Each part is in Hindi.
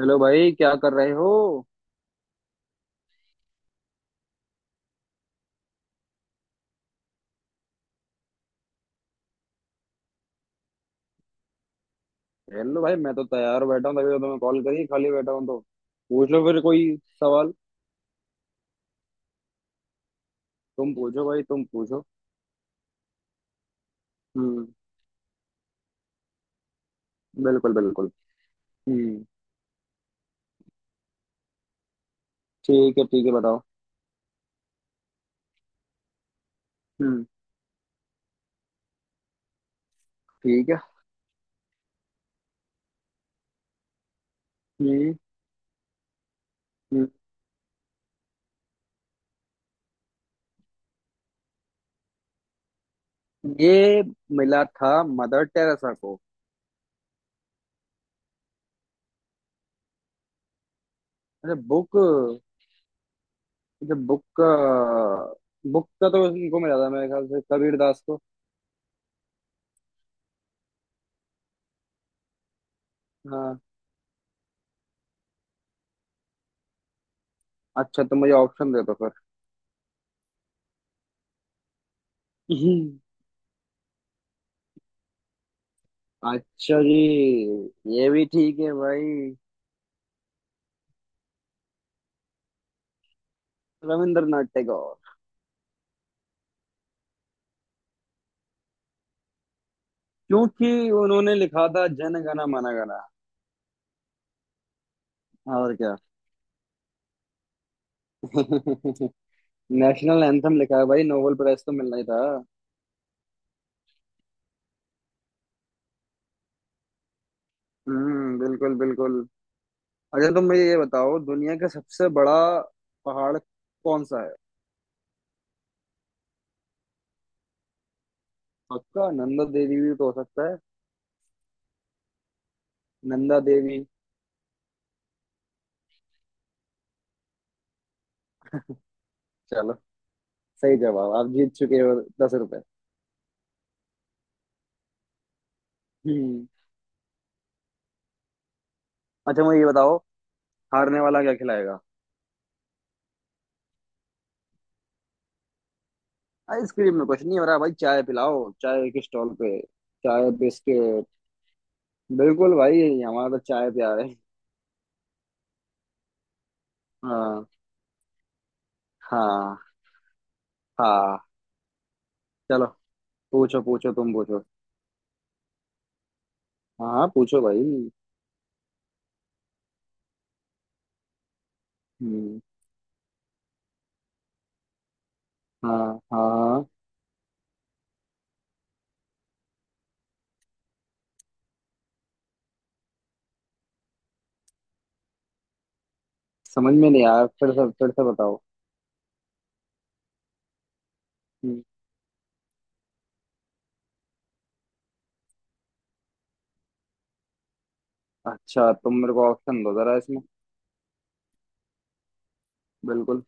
हेलो भाई क्या कर रहे हो। हेलो भाई मैं तो तैयार बैठा हूँ तभी तो तुम्हें कॉल करी। खाली बैठा हूँ तो पूछ लो फिर कोई सवाल। तुम पूछो भाई तुम पूछो। हम्म। बिल्कुल बिल्कुल। हम्म। ठीक है बताओ। हम्म। ठीक है। हम्म। हम्म। ये मिला था मदर टेरेसा को। अच्छा बुक। अच्छा बुक का। बुक का तो इनको मिला था मेरे ख्याल से कबीर दास को। हाँ। अच्छा तो मुझे ऑप्शन दे दो फिर। हम्म। अच्छा जी। ये भी ठीक है भाई। रविंद्रनाथ टैगोर। क्योंकि उन्होंने लिखा था जन गण मन गण। और क्या। नेशनल एंथम लिखा है भाई, नोबेल प्राइज तो मिलना ही था। हम्म, बिल्कुल बिल्कुल। अच्छा तुम मुझे ये बताओ, दुनिया का सबसे बड़ा पहाड़ कौन सा है। पक्का? नंदा देवी भी तो हो सकता है। नंदा देवी। चलो, सही जवाब। आप जीत चुके हो 10 रुपए। हम्म। अच्छा मुझे ये बताओ, हारने वाला क्या खिलाएगा। आइसक्रीम में कुछ नहीं हो रहा भाई, चाय पिलाओ चाय के स्टॉल पे। चाय बिस्किट। बिल्कुल भाई, हमारा तो चाय प्यार है। हाँ। हाँ। हाँ। चलो। पूछो पूछो, तुम पूछो। हाँ हाँ, पूछो भाई। हम्म। हाँ हाँ। समझ में नहीं आया, फिर से बताओ। हम्म। अच्छा तुम मेरे को ऑप्शन दो जरा इसमें। बिल्कुल।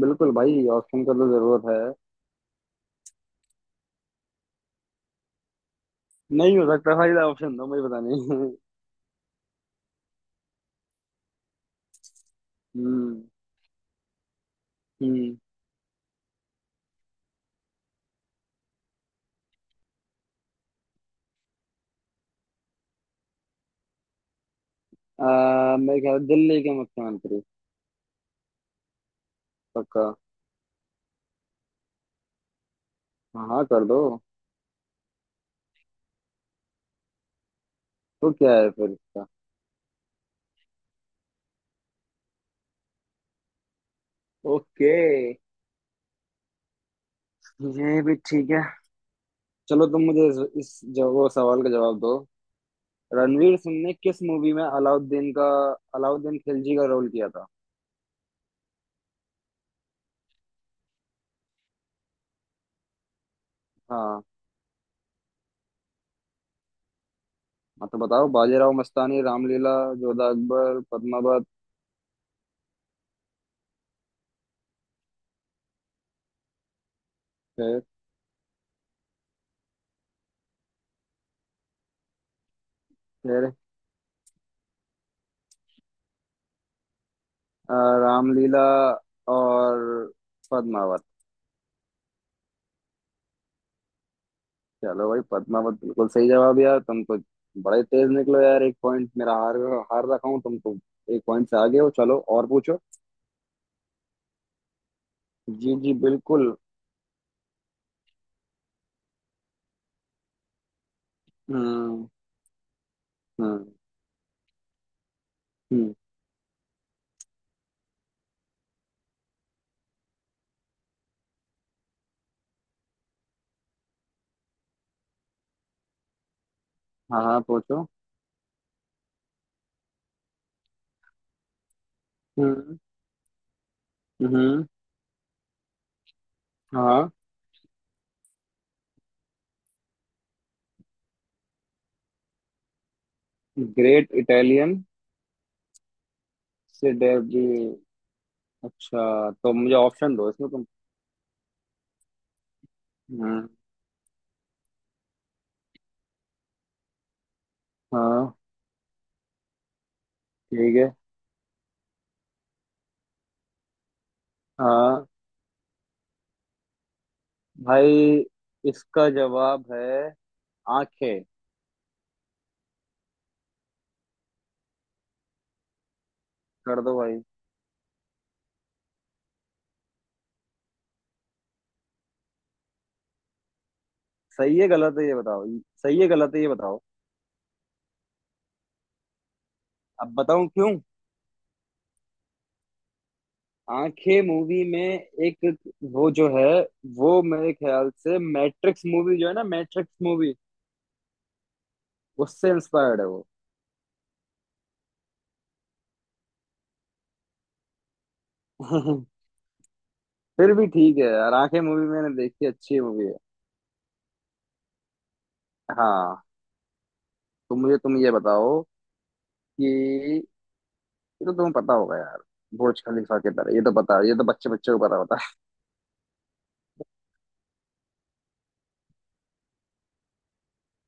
बिल्कुल भाई, ऑप्शन का तो जरूरत है। नहीं हो सकता भाई, ऑप्शन दो, मुझे पता नहीं। हम्म। हम्म। मैं क्या दिल्ली के मुख्यमंत्री। पक्का। हाँ हाँ, कर दो। तो क्या है फिर इसका। ओके। ये भी ठीक है। चलो तुम मुझे इस वो सवाल का जवाब दो। रणवीर सिंह ने किस मूवी में अलाउद्दीन का, अलाउद्दीन खिलजी का रोल किया था। हाँ। हाँ तो बताओ, बाजीराव मस्तानी, रामलीला, जोधा अकबर, पद्मावत। फिर। फिर। अ, रामलीला। और पद्मावत। चलो भाई, पद्मावत बिल्कुल सही जवाब। यार तुम तो बड़े तेज निकलो यार, एक पॉइंट मेरा हार, हार रखा हूँ। तुम तो एक पॉइंट से आगे हो। चलो और पूछो। जी जी, बिल्कुल। हम्म। हम्म। हम्म। हाँ हाँ, पूछो। हम्म। हम्म। हाँ। Great Italian. सेडेबी। अच्छा तो मुझे ऑप्शन दो इसमें तुम। हम्म। हाँ। ठीक है। हाँ भाई, इसका जवाब है आंखें। कर दो भाई। सही है गलत है ये बताओ। सही है गलत है ये बताओ। अब बताऊं क्यों। आंखें मूवी में एक, वो जो है, वो मेरे ख्याल से मैट्रिक्स मूवी, जो है ना मैट्रिक्स मूवी, उससे इंस्पायर्ड है वो। फिर भी ठीक है यार, आंखें मूवी मैंने देखी, अच्छी मूवी है। हाँ। तो मुझे तुम ये बताओ कि ये तो तुम्हें पता होगा यार, बुर्ज खलीफा के तरह, ये तो पता, ये तो बच्चे बच्चे को पता होता है।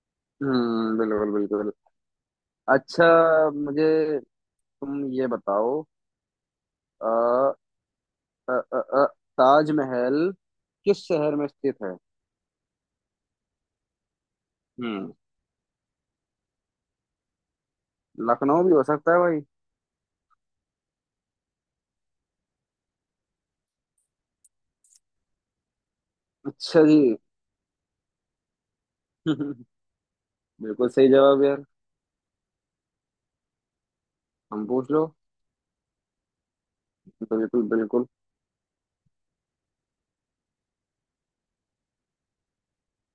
हम्म, बिल्कुल बिल्कुल। अच्छा मुझे तुम ये बताओ, अ, अ, अ, अ, ताजमहल किस शहर में स्थित है। हम्म। लखनऊ भी हो सकता है भाई। अच्छा जी। बिल्कुल सही जवाब यार। हम पूछ लो तो। बिल्कुल बिल्कुल।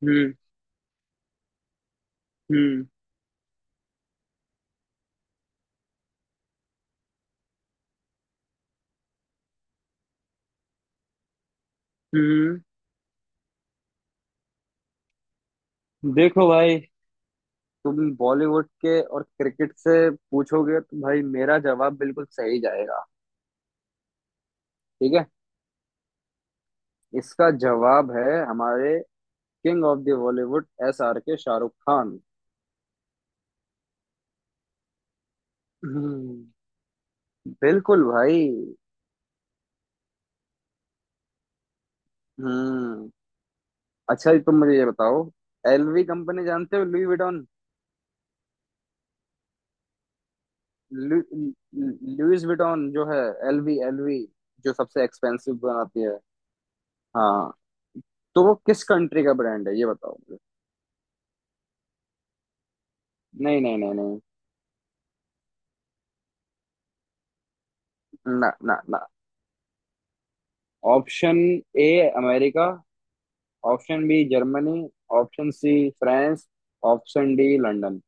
हम्म। हम्म। हम्म। देखो भाई, तुम बॉलीवुड के और क्रिकेट से पूछोगे तो भाई मेरा जवाब बिल्कुल सही जाएगा। ठीक है। इसका जवाब है हमारे king of the Bollywood, SRK, Shahrukh Khan. हम्म, बिल्कुल भाई। हम्म। अच्छा तुम मुझे ये बताओ, LV कंपनी जानते हो, लुई विटॉन। लु, लुइस विटॉन जो है, LV LV, जो सबसे एक्सपेंसिव बनाती है। हाँ। तो वो किस कंट्री का ब्रांड है ये बताओ मुझे। नहीं नहीं नहीं नहीं। ना ना ना। Option A, America. Option B, Germany. Option C, France. Option D, London.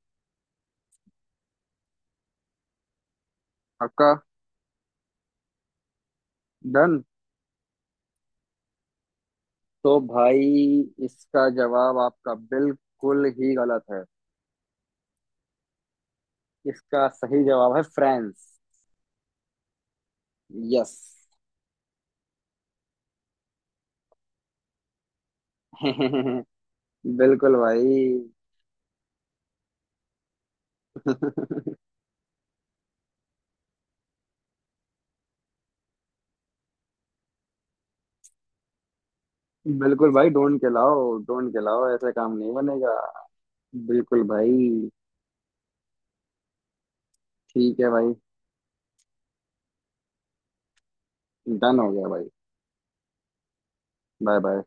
आपका। डन। तो भाई इसका जवाब आपका बिल्कुल ही गलत है। इसका सही जवाब है फ्रांस। यस। बिल्कुल भाई। बिल्कुल भाई, ढूंढ के लाओ ढूंढ के लाओ, ऐसा काम नहीं बनेगा। बिल्कुल भाई। ठीक है भाई। डन हो गया भाई। Bye bye.